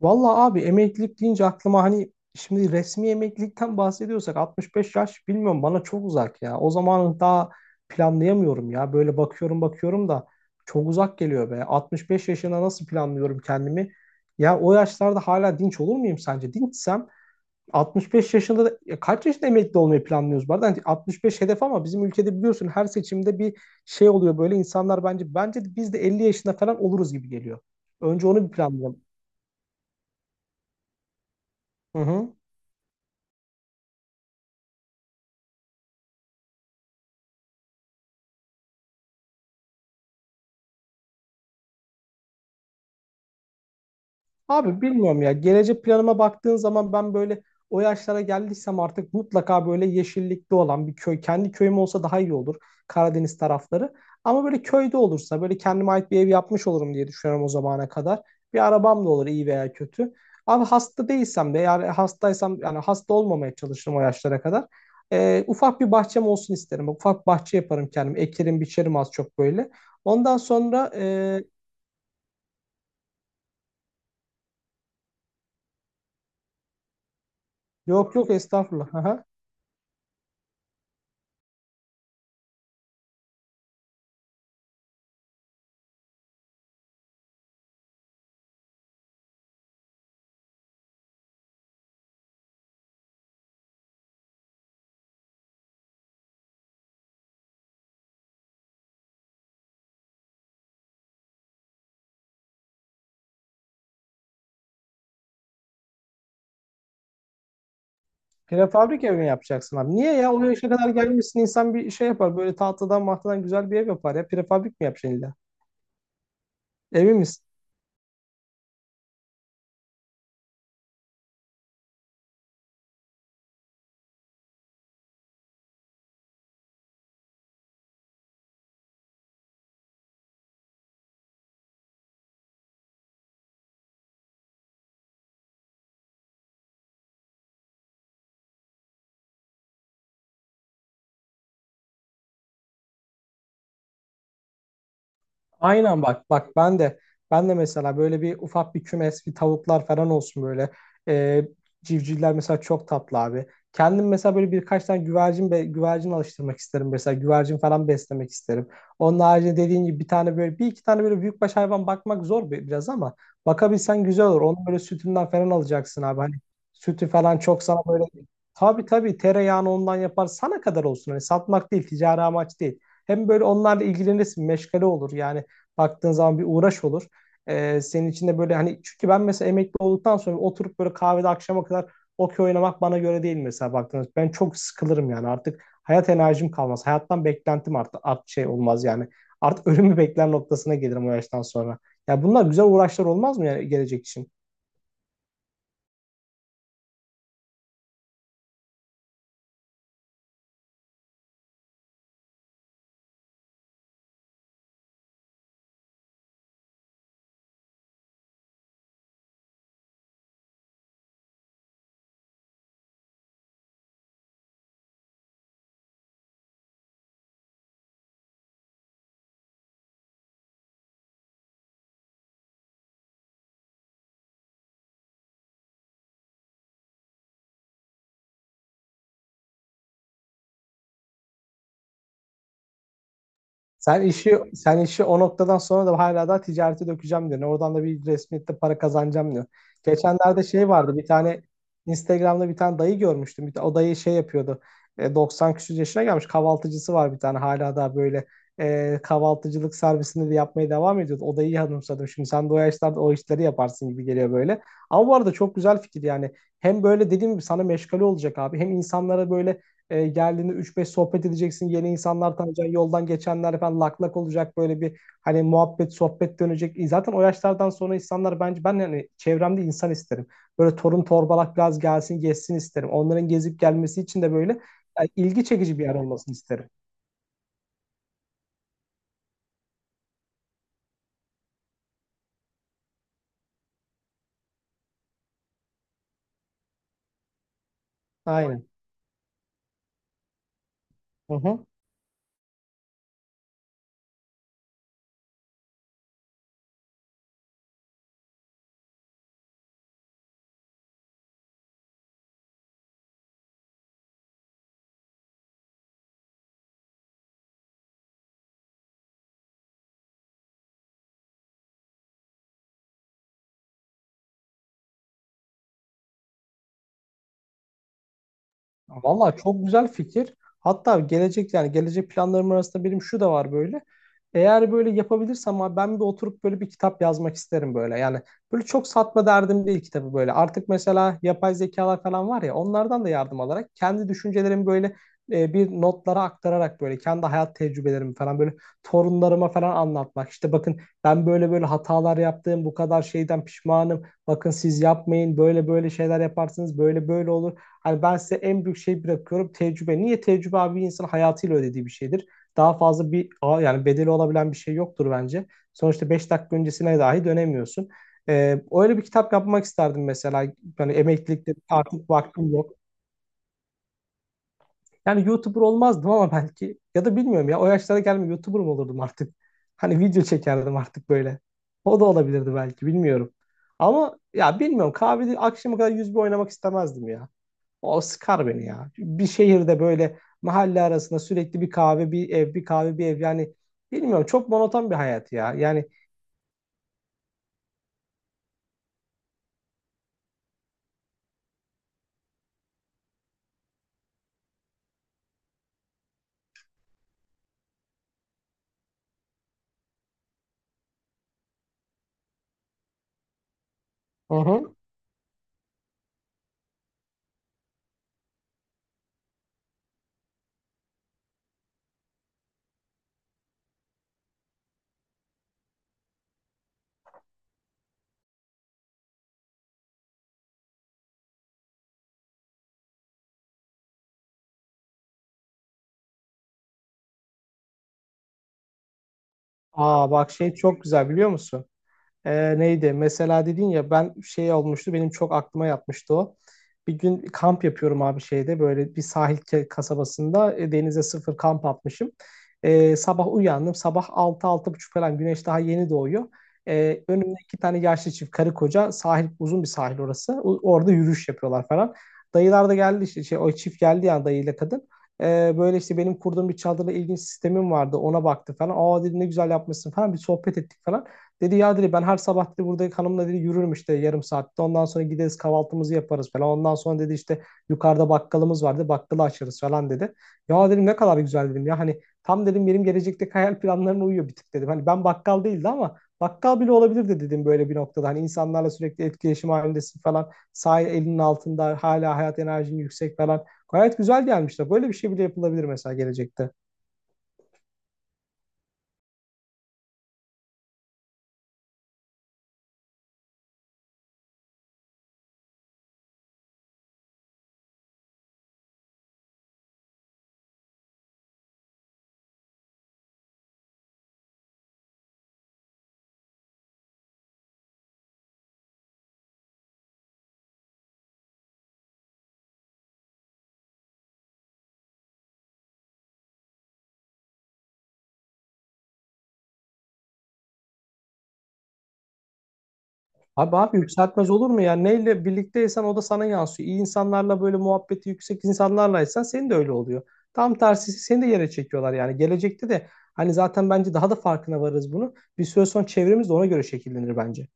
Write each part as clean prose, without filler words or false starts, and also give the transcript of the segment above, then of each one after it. Vallahi abi emeklilik deyince aklıma hani şimdi resmi emeklilikten bahsediyorsak 65 yaş bilmiyorum bana çok uzak ya. O zamanı daha planlayamıyorum ya. Böyle bakıyorum bakıyorum da çok uzak geliyor be. 65 yaşına nasıl planlıyorum kendimi? Ya o yaşlarda hala dinç olur muyum sence? Dinçsem 65 yaşında da ya kaç yaşında emekli olmayı planlıyoruz? Bu arada hani 65 hedef ama bizim ülkede biliyorsun her seçimde bir şey oluyor böyle insanlar bence de biz de 50 yaşında falan oluruz gibi geliyor. Önce onu bir planlayalım. Hı hı. Abi bilmiyorum ya. Gelecek planıma baktığın zaman ben böyle o yaşlara geldiysem artık mutlaka böyle yeşillikli olan bir köy. Kendi köyüm olsa daha iyi olur. Karadeniz tarafları. Ama böyle köyde olursa böyle kendime ait bir ev yapmış olurum diye düşünüyorum o zamana kadar. Bir arabam da olur iyi veya kötü. Abi hasta değilsem de yani hastaysam yani hasta olmamaya çalışırım o yaşlara kadar. Ufak bir bahçem olsun isterim. Ufak bir bahçe yaparım kendim. Ekerim, biçerim az çok böyle. Ondan sonra yok yok, estağfurullah. Prefabrik ev mi yapacaksın abi? Niye ya? O yaşa kadar gelmişsin insan bir şey yapar. Böyle tahtadan mahtadan güzel bir ev yapar ya. Prefabrik mi yapacaksın illa? Emin misin? Aynen bak bak ben de mesela böyle bir ufak bir kümes bir tavuklar falan olsun böyle. Ee, Civcivler mesela çok tatlı abi. Kendim mesela böyle birkaç tane güvercin be, güvercin alıştırmak isterim mesela güvercin falan beslemek isterim. Onun haricinde dediğin gibi bir tane böyle bir iki tane böyle büyükbaş hayvan bakmak zor biraz ama bakabilsen güzel olur. Onun böyle sütünden falan alacaksın abi hani sütü falan çok sana böyle tabii tabii tereyağını ondan yapar sana kadar olsun hani satmak değil ticari amaç değil. Hem böyle onlarla ilgilenirsin, meşgale olur. Yani baktığın zaman bir uğraş olur. Senin için de böyle hani çünkü ben mesela emekli olduktan sonra oturup böyle kahvede akşama kadar okey oynamak bana göre değil mesela baktığınız. Ben çok sıkılırım yani artık hayat enerjim kalmaz. Hayattan beklentim art, art şey olmaz yani. Artık ölümü bekler noktasına gelirim o yaştan sonra. Ya bunlar güzel uğraşlar olmaz mı yani gelecek için? Sen işi sen işi o noktadan sonra da hala daha ticarete dökeceğim diyor. Oradan da bir resmiyette para kazanacağım diyor. Geçenlerde şey vardı bir tane Instagram'da bir tane dayı görmüştüm. O dayı şey yapıyordu. 90 küsur yaşına gelmiş kahvaltıcısı var bir tane hala daha böyle kahvaltıcılık servisini de yapmaya devam ediyordu. O dayıyı hanımsadım. Şimdi sen de o yaşlarda o işleri yaparsın gibi geliyor böyle. Ama bu arada çok güzel fikir yani. Hem böyle dediğim gibi sana meşgale olacak abi. Hem insanlara böyle geldiğinde 3-5 sohbet edeceksin. Yeni insanlar tanıyacaksın. Yoldan geçenler falan lak lak olacak. Böyle bir hani muhabbet, sohbet dönecek. Zaten o yaşlardan sonra insanlar bence ben yani çevremde insan isterim. Böyle torun torbalak biraz gelsin, gezsin isterim. Onların gezip gelmesi için de böyle yani ilgi çekici bir yer olmasını isterim. Aynen. Hı hı. Valla çok güzel fikir. Hatta gelecek yani gelecek planlarım arasında benim şu da var böyle. Eğer böyle yapabilirsem abi ben bir oturup böyle bir kitap yazmak isterim böyle. Yani böyle çok satma derdim değil kitabı böyle. Artık mesela yapay zekalar falan var ya onlardan da yardım alarak kendi düşüncelerimi böyle bir notlara aktararak böyle kendi hayat tecrübelerimi falan böyle torunlarıma falan anlatmak. İşte bakın ben böyle böyle hatalar yaptım bu kadar şeyden pişmanım. Bakın siz yapmayın böyle böyle şeyler yaparsınız böyle böyle olur. Hani ben size en büyük şey bırakıyorum tecrübe. Niye tecrübe abi bir insanın hayatıyla ödediği bir şeydir. Daha fazla bir yani bedeli olabilen bir şey yoktur bence. Sonuçta 5 dakika öncesine dahi dönemiyorsun. Öyle bir kitap yapmak isterdim mesela. Yani emeklilikte artık vaktim yok. Yani YouTuber olmazdım ama belki ya da bilmiyorum ya o yaşlara gelme YouTuber mı olurdum artık? Hani video çekerdim artık böyle. O da olabilirdi belki bilmiyorum. Ama ya bilmiyorum kahvede akşama kadar yüz bir oynamak istemezdim ya. O sıkar beni ya. Bir şehirde böyle mahalle arasında sürekli bir kahve, bir ev, bir kahve, bir ev. Yani bilmiyorum çok monoton bir hayat ya. Yani. Hı hı. Aa, bak şey çok güzel biliyor musun? Neydi? Mesela dedin ya ben şey olmuştu benim çok aklıma yatmıştı o. Bir gün kamp yapıyorum abi şeyde böyle bir sahil kasabasında denize sıfır kamp atmışım. Sabah uyandım sabah altı altı buçuk falan güneş daha yeni doğuyor. Önümde iki tane yaşlı çift karı koca sahil uzun bir sahil orası. Orada yürüyüş yapıyorlar falan. Dayılar da geldi işte şey, o çift geldi yani dayıyla kadın. Böyle işte benim kurduğum bir çadırda ilginç sistemim vardı ona baktı falan. Aa dedi ne güzel yapmışsın falan bir sohbet ettik falan. Dedi ya dedi ben her sabah dedi buradaki hanımla dedi yürürüm işte yarım saatte. Ondan sonra gideriz kahvaltımızı yaparız falan. Ondan sonra dedi işte yukarıda bakkalımız vardı. Bakkalı açarız falan dedi. Ya dedim ne kadar güzel dedim. Ya hani tam dedim benim gelecekteki hayal planlarına uyuyor bir tık dedim. Hani ben bakkal değildi ama bakkal bile olabilirdi dedim böyle bir noktada. Hani insanlarla sürekli etkileşim halindesin falan. Sağ elinin altında hala hayat enerjin yüksek falan. Gayet güzel gelmişler. Böyle bir şey bile yapılabilir mesela gelecekte. Abi abi yükseltmez olur mu ya? Neyle birlikteysen o da sana yansıyor. İyi insanlarla böyle muhabbeti yüksek insanlarlaysan senin de öyle oluyor. Tam tersi seni de yere çekiyorlar yani. Gelecekte de hani zaten bence daha da farkına varırız bunu. Bir süre sonra çevremiz de ona göre şekillenir bence.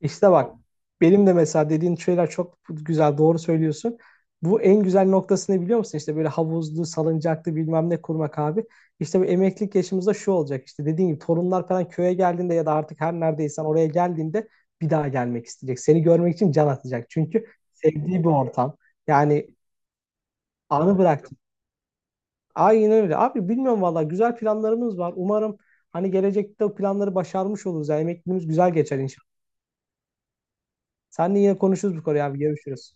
İşte bak benim de mesela dediğin şeyler çok güzel doğru söylüyorsun. Bu en güzel noktasını biliyor musun? İşte böyle havuzlu, salıncaklı bilmem ne kurmak abi. İşte bu emeklilik yaşımızda şu olacak. İşte dediğin gibi torunlar falan köye geldiğinde ya da artık her neredeysen oraya geldiğinde bir daha gelmek isteyecek. Seni görmek için can atacak. Çünkü sevdiği bir ortam. Yani anı bıraktı. Aynen öyle. Abi bilmiyorum valla güzel planlarımız var. Umarım hani gelecekte o planları başarmış oluruz. Yani emekliliğimiz güzel geçer inşallah. Seninle yine konuşuruz bu konuyu abi. Görüşürüz.